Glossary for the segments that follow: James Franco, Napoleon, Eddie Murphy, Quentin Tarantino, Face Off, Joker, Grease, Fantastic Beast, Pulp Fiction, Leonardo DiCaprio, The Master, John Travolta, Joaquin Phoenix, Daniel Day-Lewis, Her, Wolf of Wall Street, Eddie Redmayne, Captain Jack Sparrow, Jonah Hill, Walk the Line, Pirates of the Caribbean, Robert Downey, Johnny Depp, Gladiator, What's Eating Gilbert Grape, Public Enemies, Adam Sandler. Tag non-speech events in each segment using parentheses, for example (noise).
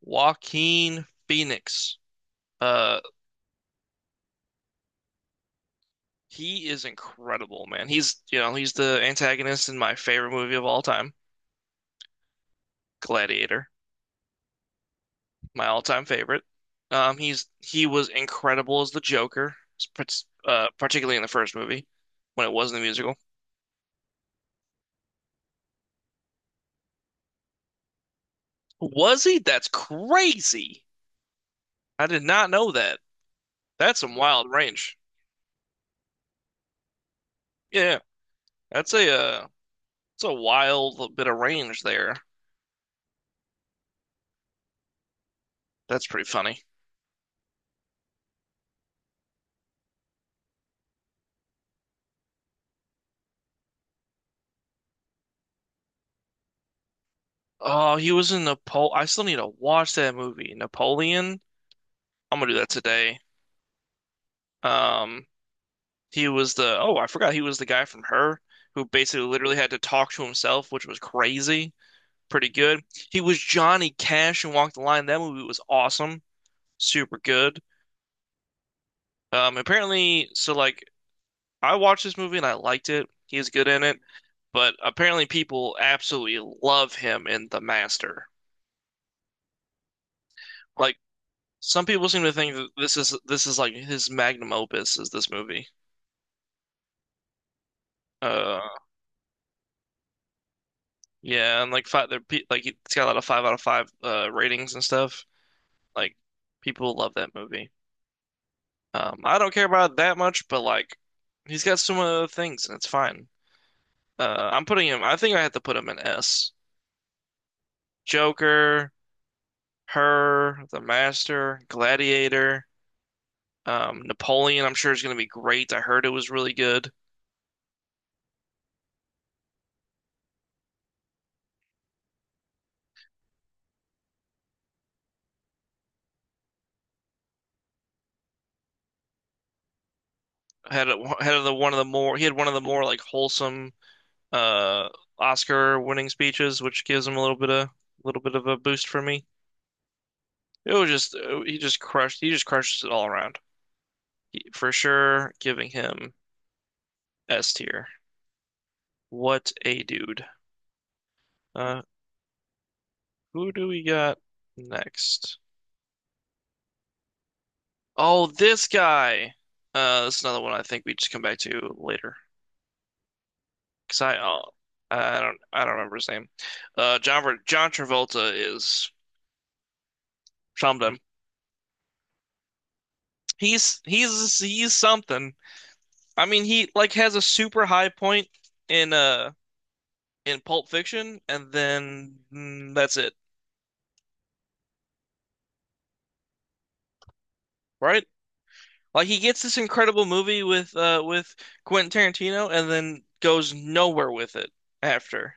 Joaquin Phoenix. Uh, he is incredible, man. He's, you know, he's the antagonist in my favorite movie of all time, Gladiator, my all-time favorite. He was incredible as the Joker, particularly in the first movie when it wasn't a musical. Was he? That's crazy. I did not know that. That's some wild range. Yeah, that's a uh, that's a wild bit of range there. That's pretty funny. Oh, he was in Napoleon. I still need to watch that movie. Napoleon. I'm gonna do that today. Um, he was the, oh, I forgot he was the guy from Her who basically literally had to talk to himself, which was crazy. Pretty good. He was Johnny Cash in Walk the Line. That movie was awesome. Super good. Apparently, so like I watched this movie and I liked it. He's good in it, but apparently people absolutely love him in The Master. Like some people seem to think that this is like his magnum opus is this movie. Uh, yeah, and like five, like it's got a lot of five out of five ratings and stuff. Like people love that movie. I don't care about it that much, but like he's got so many other things and it's fine. I'm putting him. I think I have to put him in S. Joker, Her, The Master, Gladiator, Napoleon. I'm sure is going to be great. I heard it was really good. Had a, had the one of the more he had one of the more like wholesome uh Oscar winning speeches, which gives him a little bit of, little bit of a boost for me. It was just he just crushes it all around. For sure, giving him S tier. What a dude. Uh who do we got next? Oh, this guy. That's another one I think we just come back to later. 'Cause I I don't remember his name. Uh, John Travolta is something. He's something. I mean, he like has a super high point in uh in Pulp Fiction, and then mm, that's it, right? Like he gets this incredible movie with Quentin Tarantino, and then goes nowhere with it after.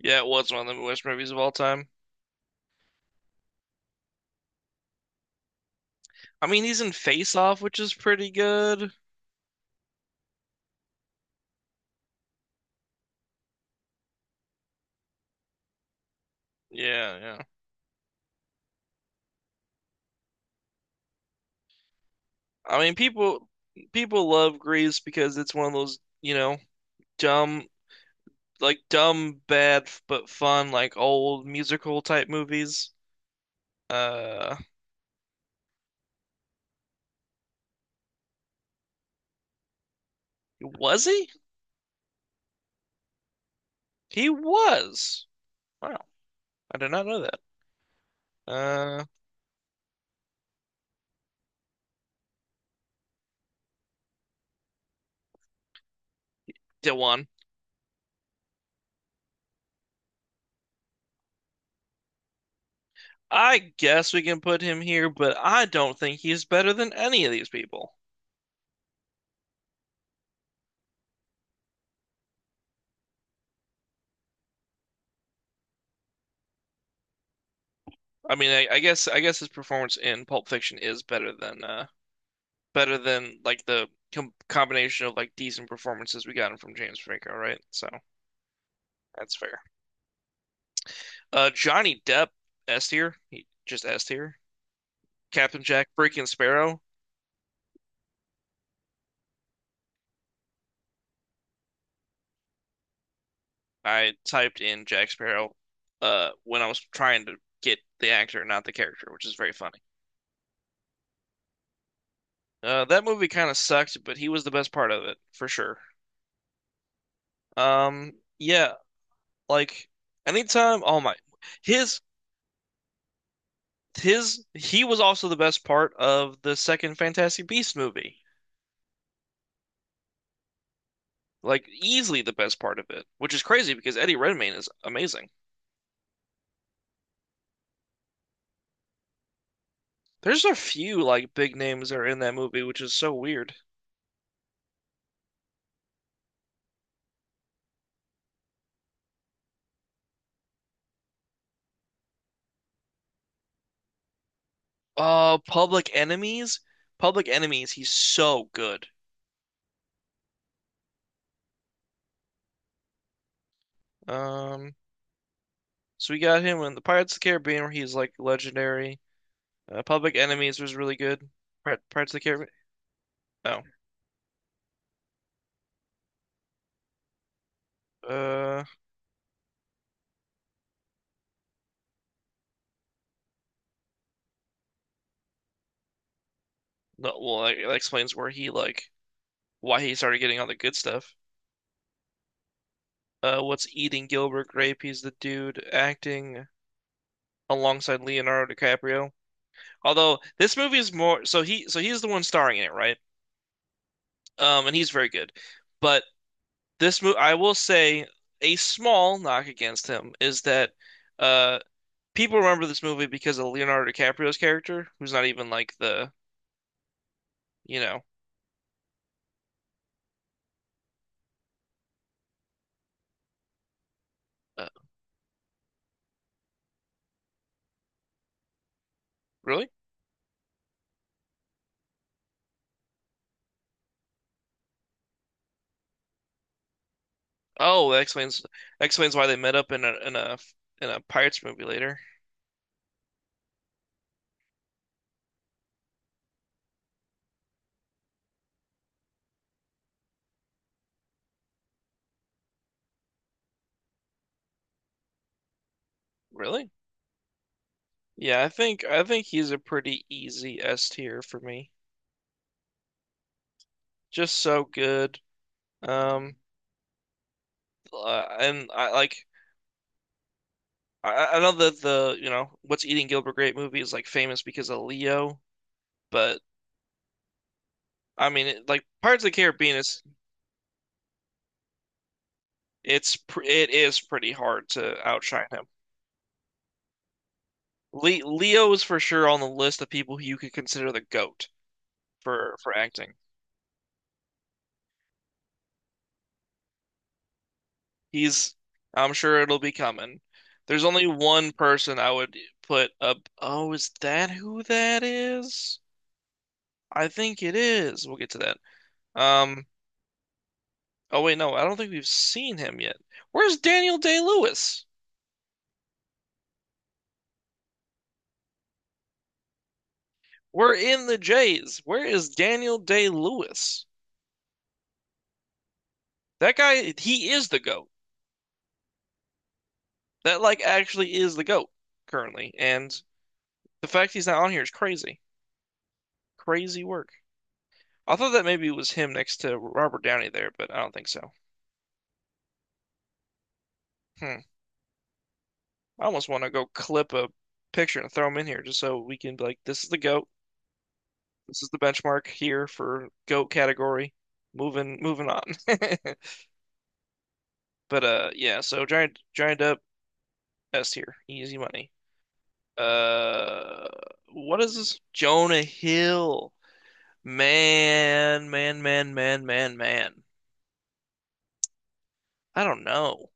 Yeah, it was one of the worst movies of all time. I mean, he's in Face Off, which is pretty good. Yeah, yeah. I mean, people love Grease because it's one of those, you know, dumb, like dumb, bad but fun, like old musical type movies. Uh, was he? He was. Wow, I did not know that. Uh, Dewan. I guess we can put him here, but I don't think he's better than any of these people. I guess his performance in Pulp Fiction is better than like the combination of like decent performances we gotten from James Franco, right? So that's fair. Johnny Depp, S tier. He just S tier. Captain Jack freaking Sparrow. I typed in Jack Sparrow when I was trying to get the actor, not the character, which is very funny. That movie kind of sucked, but he was the best part of it for sure. Um, yeah, like anytime, oh my, his his he was also the best part of the second Fantastic Beast movie, like easily the best part of it, which is crazy because Eddie Redmayne is amazing. There's a few like big names that are in that movie, which is so weird. Public Enemies. Public Enemies. He's so good. Um, so we got him in the Pirates of the Caribbean, where he's like legendary. Public Enemies was really good. Pirates of the Caribbean. Oh, uh, no. Well, that, that explains where he like why he started getting all the good stuff. What's eating Gilbert Grape? He's the dude acting alongside Leonardo DiCaprio. Although this movie is more so he's the one starring in it, right? And he's very good, but this move, I will say, a small knock against him is that uh, people remember this movie because of Leonardo DiCaprio's character, who's not even like the, you know, uh, really? Oh, that explains why they met up in a in a in a Pirates movie later. Really? Yeah, I think he's a pretty easy S tier for me. Just so good. Um, and I like, I know that the, you know, What's Eating Gilbert Grape movie is like famous because of Leo, but I mean, it, like Pirates of the Caribbean is, it is pretty hard to outshine him. Le Leo is for sure on the list of people who you could consider the goat for acting. He's, I'm sure it'll be coming. There's only one person I would put up. Oh, is that who that is? I think it is. We'll get to that. Um. Oh wait, no, I don't think we've seen him yet. Where's Daniel Day-Lewis? We're in the Jays. Where is Daniel Day-Lewis? That guy, he is the GOAT. That like actually is the GOAT currently, and the fact he's not on here is crazy. Crazy work. I thought that maybe it was him next to Robert Downey there, but I don't think so. Hmm. I almost want to go clip a picture and throw him in here just so we can be like, this is the GOAT. This is the benchmark here for GOAT category. Moving on. (laughs) But yeah, so giant up S here. Easy money. Uh what is this? Jonah Hill. Man, man, man, man, man, man. I don't know.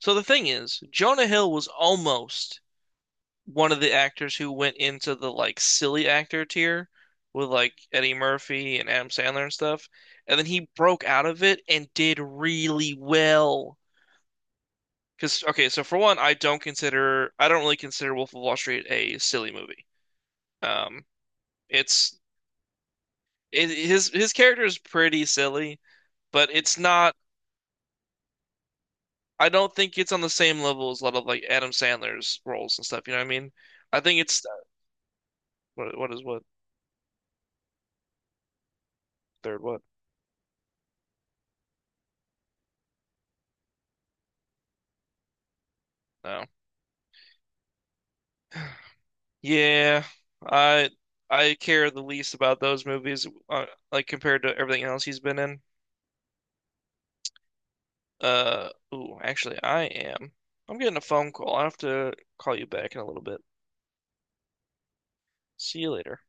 So the thing is, Jonah Hill was almost one of the actors who went into the like silly actor tier with like Eddie Murphy and Adam Sandler and stuff. And then he broke out of it and did really well. Because, okay, so for one, I don't really consider Wolf of Wall Street a silly movie. Um, it's it, his character is pretty silly, but it's not, I don't think it's on the same level as a lot of like Adam Sandler's roles and stuff. You know what I mean? I think it's, what third what? No. (sighs) Yeah, I I care the least about those movies, like compared to everything else he's been in. Ooh, actually, I am. I'm getting a phone call. I'll have to call you back in a little bit. See you later.